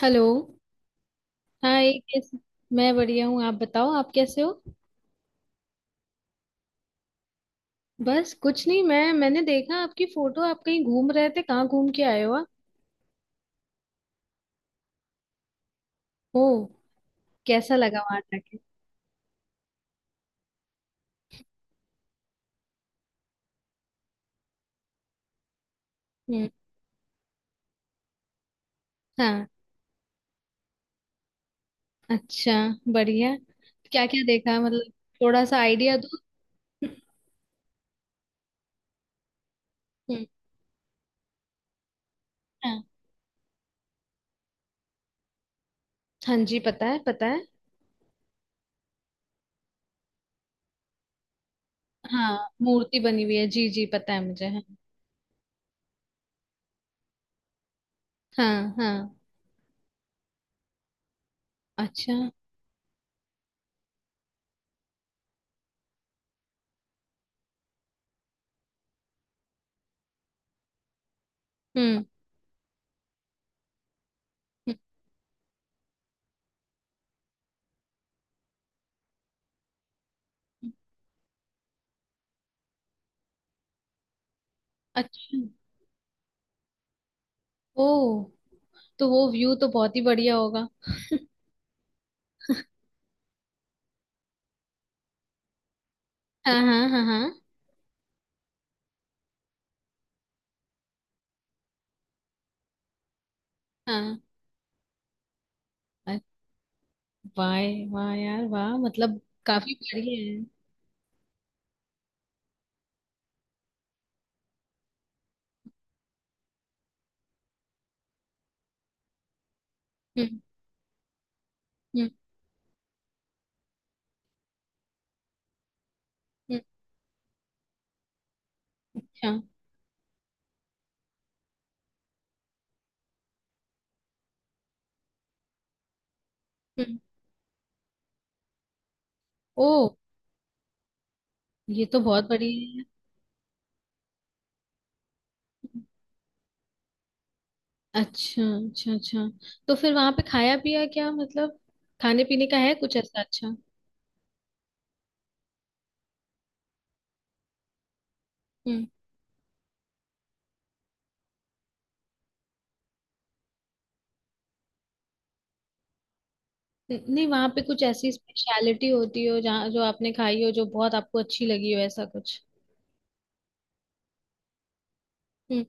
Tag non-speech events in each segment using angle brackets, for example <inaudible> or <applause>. Hello. Hi कैसे। मैं बढ़िया हूँ, आप बताओ, आप कैसे हो। बस कुछ नहीं, मैंने देखा आपकी फोटो, आप कहीं घूम रहे थे, कहाँ घूम के आए हो आप? ओ। कैसा लगा वहां जाके? हम्म। हाँ। अच्छा। बढ़िया। क्या क्या देखा मतलब? थोड़ा सा आइडिया दो। हम्म। हाँ हाँ जी, पता है पता है। हाँ मूर्ति बनी हुई है, जी जी पता है मुझे, हाँ। हाँ हाँ। अच्छा। हम्म। हम्म। अच्छा। ओ। तो वो व्यू तो बहुत ही बढ़िया होगा। हाँ हाँ हाँ हाँ। हाँ। अरे। वाह। वाह यार वाह मतलब। काफी बड़ी है। हम्म। हम्म। हम्म। अच्छा। हम्म। ओ। ये तो बहुत बड़ी है। अच्छा अच्छा अच्छा। तो फिर वहां पे खाया पिया क्या मतलब? खाने पीने का है कुछ ऐसा अच्छा? हम्म। नहीं वहां पे कुछ ऐसी स्पेशलिटी होती हो जहाँ जो आपने खाई हो, जो बहुत आपको अच्छी लगी हो, ऐसा कुछ? हम्म।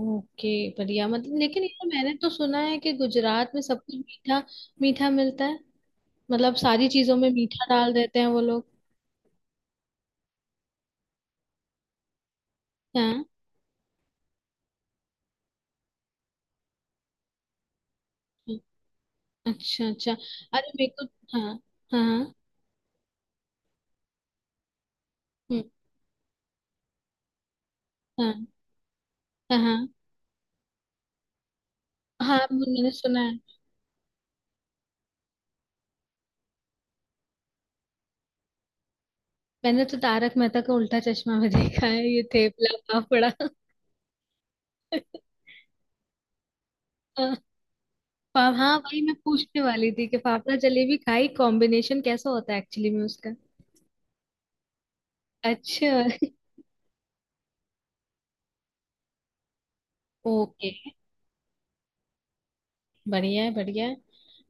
ओके। बढ़िया, मतलब लेकिन ये मैंने तो सुना है कि गुजरात में सब कुछ मीठा मीठा मिलता है। मतलब सारी चीजों में मीठा डाल देते हैं वो लोग। हाँ। अच्छा अच्छा। अरे मेरे को। हाँ। हाँ हाँ। हम्म। हाँ हाँ। हाँ वो मैंने सुना है। मैंने तो तारक मेहता का उल्टा चश्मा में देखा है, ये थेपला फाफड़ा। हाँ। हाँ, वही मैं पूछने वाली थी कि फाफड़ा जलेबी खाई, कॉम्बिनेशन कैसा होता है एक्चुअली में उसका? अच्छा। ओके। बढ़िया है बढ़िया है।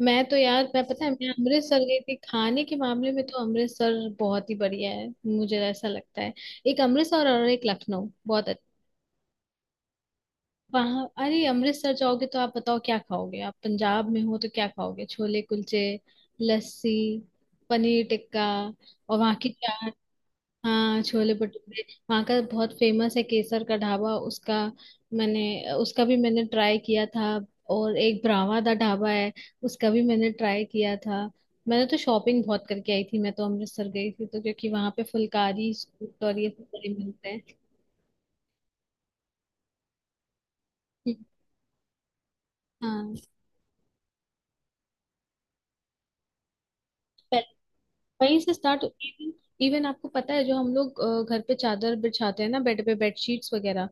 मैं तो यार मैं पता है मैं अमृतसर गई थी, खाने के मामले में तो अमृतसर बहुत ही बढ़िया है, मुझे ऐसा लगता है। एक अमृतसर और एक लखनऊ बहुत। वहां अरे अमृतसर जाओगे तो आप बताओ क्या खाओगे, आप पंजाब में हो तो क्या खाओगे, छोले कुलचे। लस्सी। पनीर टिक्का। और वहाँ की चाट। हाँ छोले भटूरे। वहाँ का बहुत फेमस है केसर का ढाबा उसका। मैंने उसका भी मैंने ट्राई किया था। और एक ब्रावा दा ढाबा है। उसका भी मैंने ट्राई किया था। मैंने तो शॉपिंग बहुत करके आई थी, मैं तो अमृतसर गई थी, तो क्योंकि वहां पे फुलकारी सूट और ये सब बड़े मिलते हैं। <laughs> हाँ। वहीं से स्टार्ट, इवन इवन आपको पता है जो हम लोग घर पे चादर बिछाते हैं ना, बेड पे, बेड शीट्स वगैरह।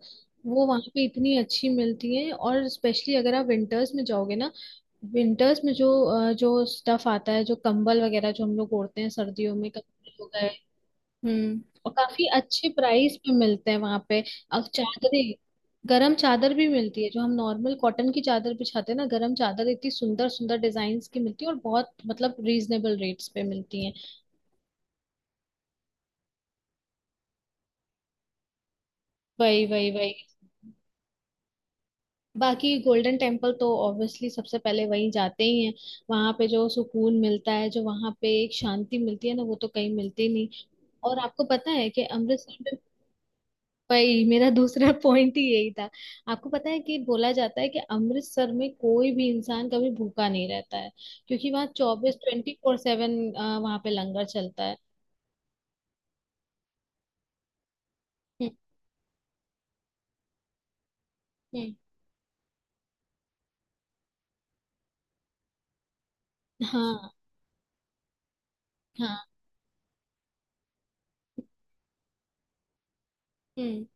वो वहां पे इतनी अच्छी मिलती है और स्पेशली अगर आप विंटर्स में जाओगे ना। विंटर्स में जो स्टफ आता है, जो कंबल वगैरह जो हम लोग ओढ़ते हैं सर्दियों में, कंबल हो गए। हम्म। और काफी अच्छे प्राइस पे मिलते हैं वहां पे। अब चादरें। गरम चादर भी मिलती है, जो हम नॉर्मल कॉटन की चादर बिछाते हैं ना, गरम चादर इतनी सुंदर सुंदर डिजाइन की मिलती है और बहुत मतलब रीजनेबल रेट्स पे मिलती है। वही वही वही। बाकी गोल्डन टेम्पल तो ऑब्वियसली सबसे पहले वहीं जाते ही हैं। वहां पे जो सुकून मिलता है, जो वहां पे एक शांति मिलती है ना, वो तो कहीं मिलती नहीं। और आपको पता है कि अमृतसर में। भाई मेरा दूसरा <laughs> पॉइंट ही यही था। आपको पता है कि बोला जाता है कि अमृतसर में कोई भी इंसान कभी भूखा नहीं रहता है। क्योंकि वहाँ 24 24/7 वहां पे लंगर चलता है। हम्म। हम्म। हाँ। हाँ। हम्म।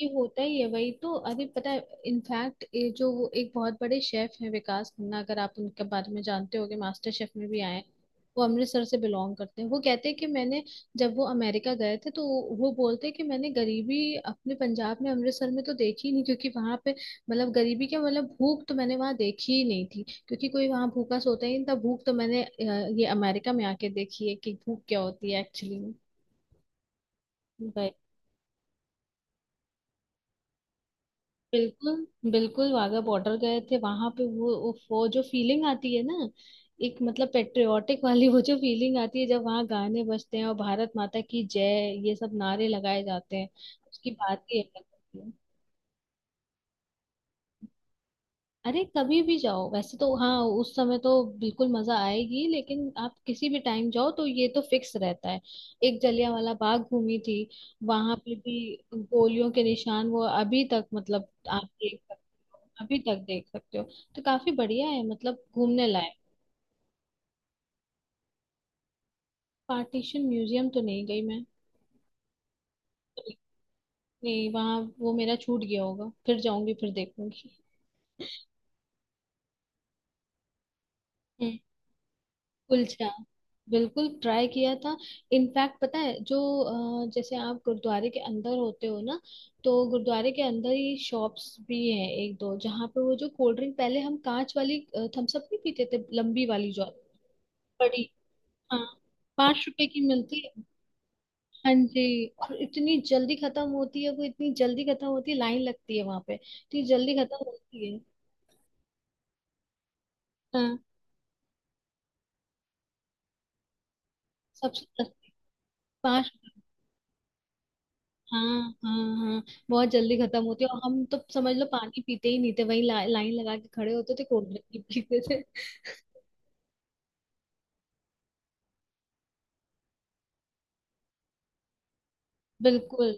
ये होता ही है, वही तो, अरे पता है। इनफैक्ट ये जो वो एक बहुत बड़े शेफ हैं विकास खन्ना, अगर आप उनके बारे में जानते होगे, मास्टर शेफ में भी आए हैं। वो अमृतसर से बिलोंग करते हैं, वो कहते हैं कि मैंने। जब वो अमेरिका गए थे तो। वो बोलते हैं कि मैंने गरीबी अपने पंजाब में अमृतसर में तो देखी ही नहीं, क्योंकि वहां पे। मतलब गरीबी क्या, मतलब भूख तो मैंने वहां देखी ही नहीं थी, क्योंकि कोई वहां भूखा सोता ही नहीं था, भूख तो मैंने ये अमेरिका में आके देखी है कि भूख क्या होती है एक्चुअली में। बिल्कुल बिल्कुल वाघा बॉर्डर गए थे वहां पे, वो उफ, वो जो फीलिंग आती है ना। एक मतलब पेट्रियोटिक वाली, वो जो फीलिंग आती है जब वहाँ गाने बजते हैं और भारत माता की जय ये सब नारे लगाए जाते हैं। उसकी बात ही अलग होती है। अरे कभी भी जाओ वैसे तो, हाँ। उस समय तो। बिल्कुल मजा आएगी लेकिन आप किसी भी टाइम जाओ तो ये तो फिक्स रहता है। एक जलियांवाला बाग घूमी थी। वहां पे भी। गोलियों के निशान वो अभी तक मतलब आप देख सकते हो, अभी तक देख सकते हो। तो काफी बढ़िया है मतलब, घूमने लायक। पार्टीशन म्यूजियम तो नहीं गई मैं। नहीं वहाँ वो मेरा छूट गया होगा, फिर जाऊंगी, फिर देखूंगी। कुलचा। बिल्कुल ट्राई किया था। इनफैक्ट पता है जो, जैसे आप गुरुद्वारे के अंदर होते हो ना। तो गुरुद्वारे के अंदर ही शॉप्स भी हैं एक दो, जहाँ पे वो जो कोल्ड ड्रिंक, पहले हम कांच वाली। थम्स अप नहीं पीते थे, लंबी वाली जो। बड़ी। हाँ। 5 रुपए की मिलती है। हाँ जी, और इतनी जल्दी खत्म होती है, वो इतनी जल्दी खत्म होती है, लाइन लगती है वहां पे, इतनी जल्दी खत्म होती है। हाँ। सबसे सस्ती। 5। हाँ हाँ हाँ। बहुत जल्दी खत्म होती है, और हम तो समझ लो पानी पीते ही नहीं थे, वही लाइन लगा के खड़े होते थे, कोल्ड ड्रिंक ही पीते थे। <laughs> बिल्कुल।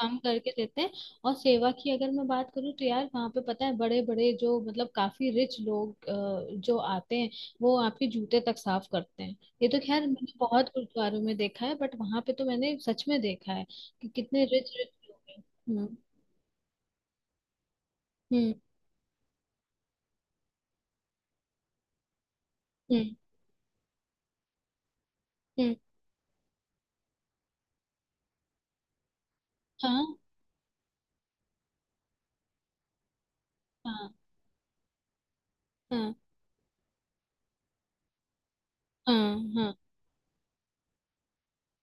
कम करके देते हैं। और सेवा की अगर मैं बात करूँ तो यार, वहाँ पे पता है बड़े बड़े जो मतलब काफी रिच लोग जो आते हैं। वो आपके जूते तक साफ करते हैं। ये तो खैर मैंने बहुत गुरुद्वारों में देखा है, बट वहां पे तो मैंने सच में देखा है। कि कितने रिच रिच लोग हैं। हम्म। हम्म। हम्म। हम्म। हाँ हाँ हाँ हाँ हाँ।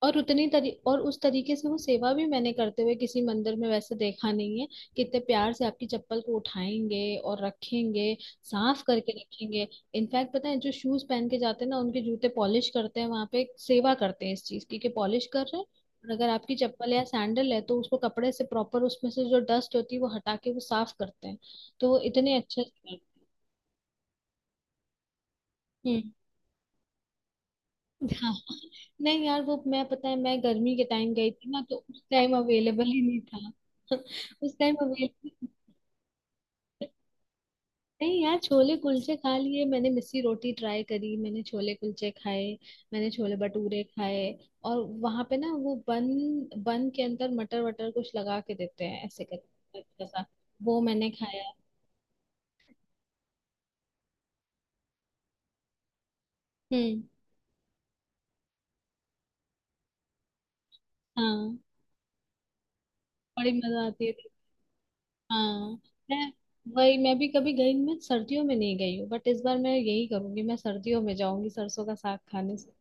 और उस तरीके से वो सेवा भी मैंने करते हुए किसी मंदिर में वैसे देखा नहीं है। कितने प्यार से आपकी चप्पल को उठाएंगे। और रखेंगे। साफ करके रखेंगे। इनफैक्ट पता है, जो शूज पहन के जाते हैं ना उनके जूते पॉलिश करते हैं वहां पे, सेवा करते हैं इस चीज की कि पॉलिश कर रहे हैं। और अगर आपकी चप्पल या सैंडल है तो उसको कपड़े से प्रॉपर उसमें से जो डस्ट होती है वो हटा के वो साफ करते हैं। तो वो इतने अच्छे से करते हैं। हाँ। नहीं यार, वो मैं पता है मैं गर्मी के टाइम गई थी ना तो उस टाइम अवेलेबल ही नहीं था। <laughs> उस टाइम अवेलेबल। नहीं यार, छोले कुलचे खा लिए मैंने, मिस्सी रोटी ट्राई करी मैंने, छोले कुलचे खाए। मैंने छोले भटूरे खाए। और। वहां पे ना वो बन बन के अंदर मटर वटर कुछ लगा के देते हैं ऐसे करके, अच्छा सा। वो मैंने खाया। हम्म। हाँ। बड़ी मजा आती है। हाँ। मैं। वही मैं भी कभी गई, मैं सर्दियों में नहीं गई हूँ बट इस बार मैं यही करूंगी, मैं सर्दियों में जाऊंगी सरसों का साग खाने से।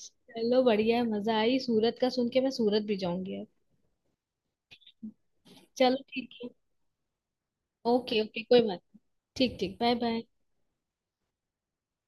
चलो बढ़िया है, मजा आई सूरत का सुन के, मैं सूरत भी जाऊंगी अब। चलो ठीक है। ओके ओके कोई बात नहीं। ठीक ठीक बाय बाय।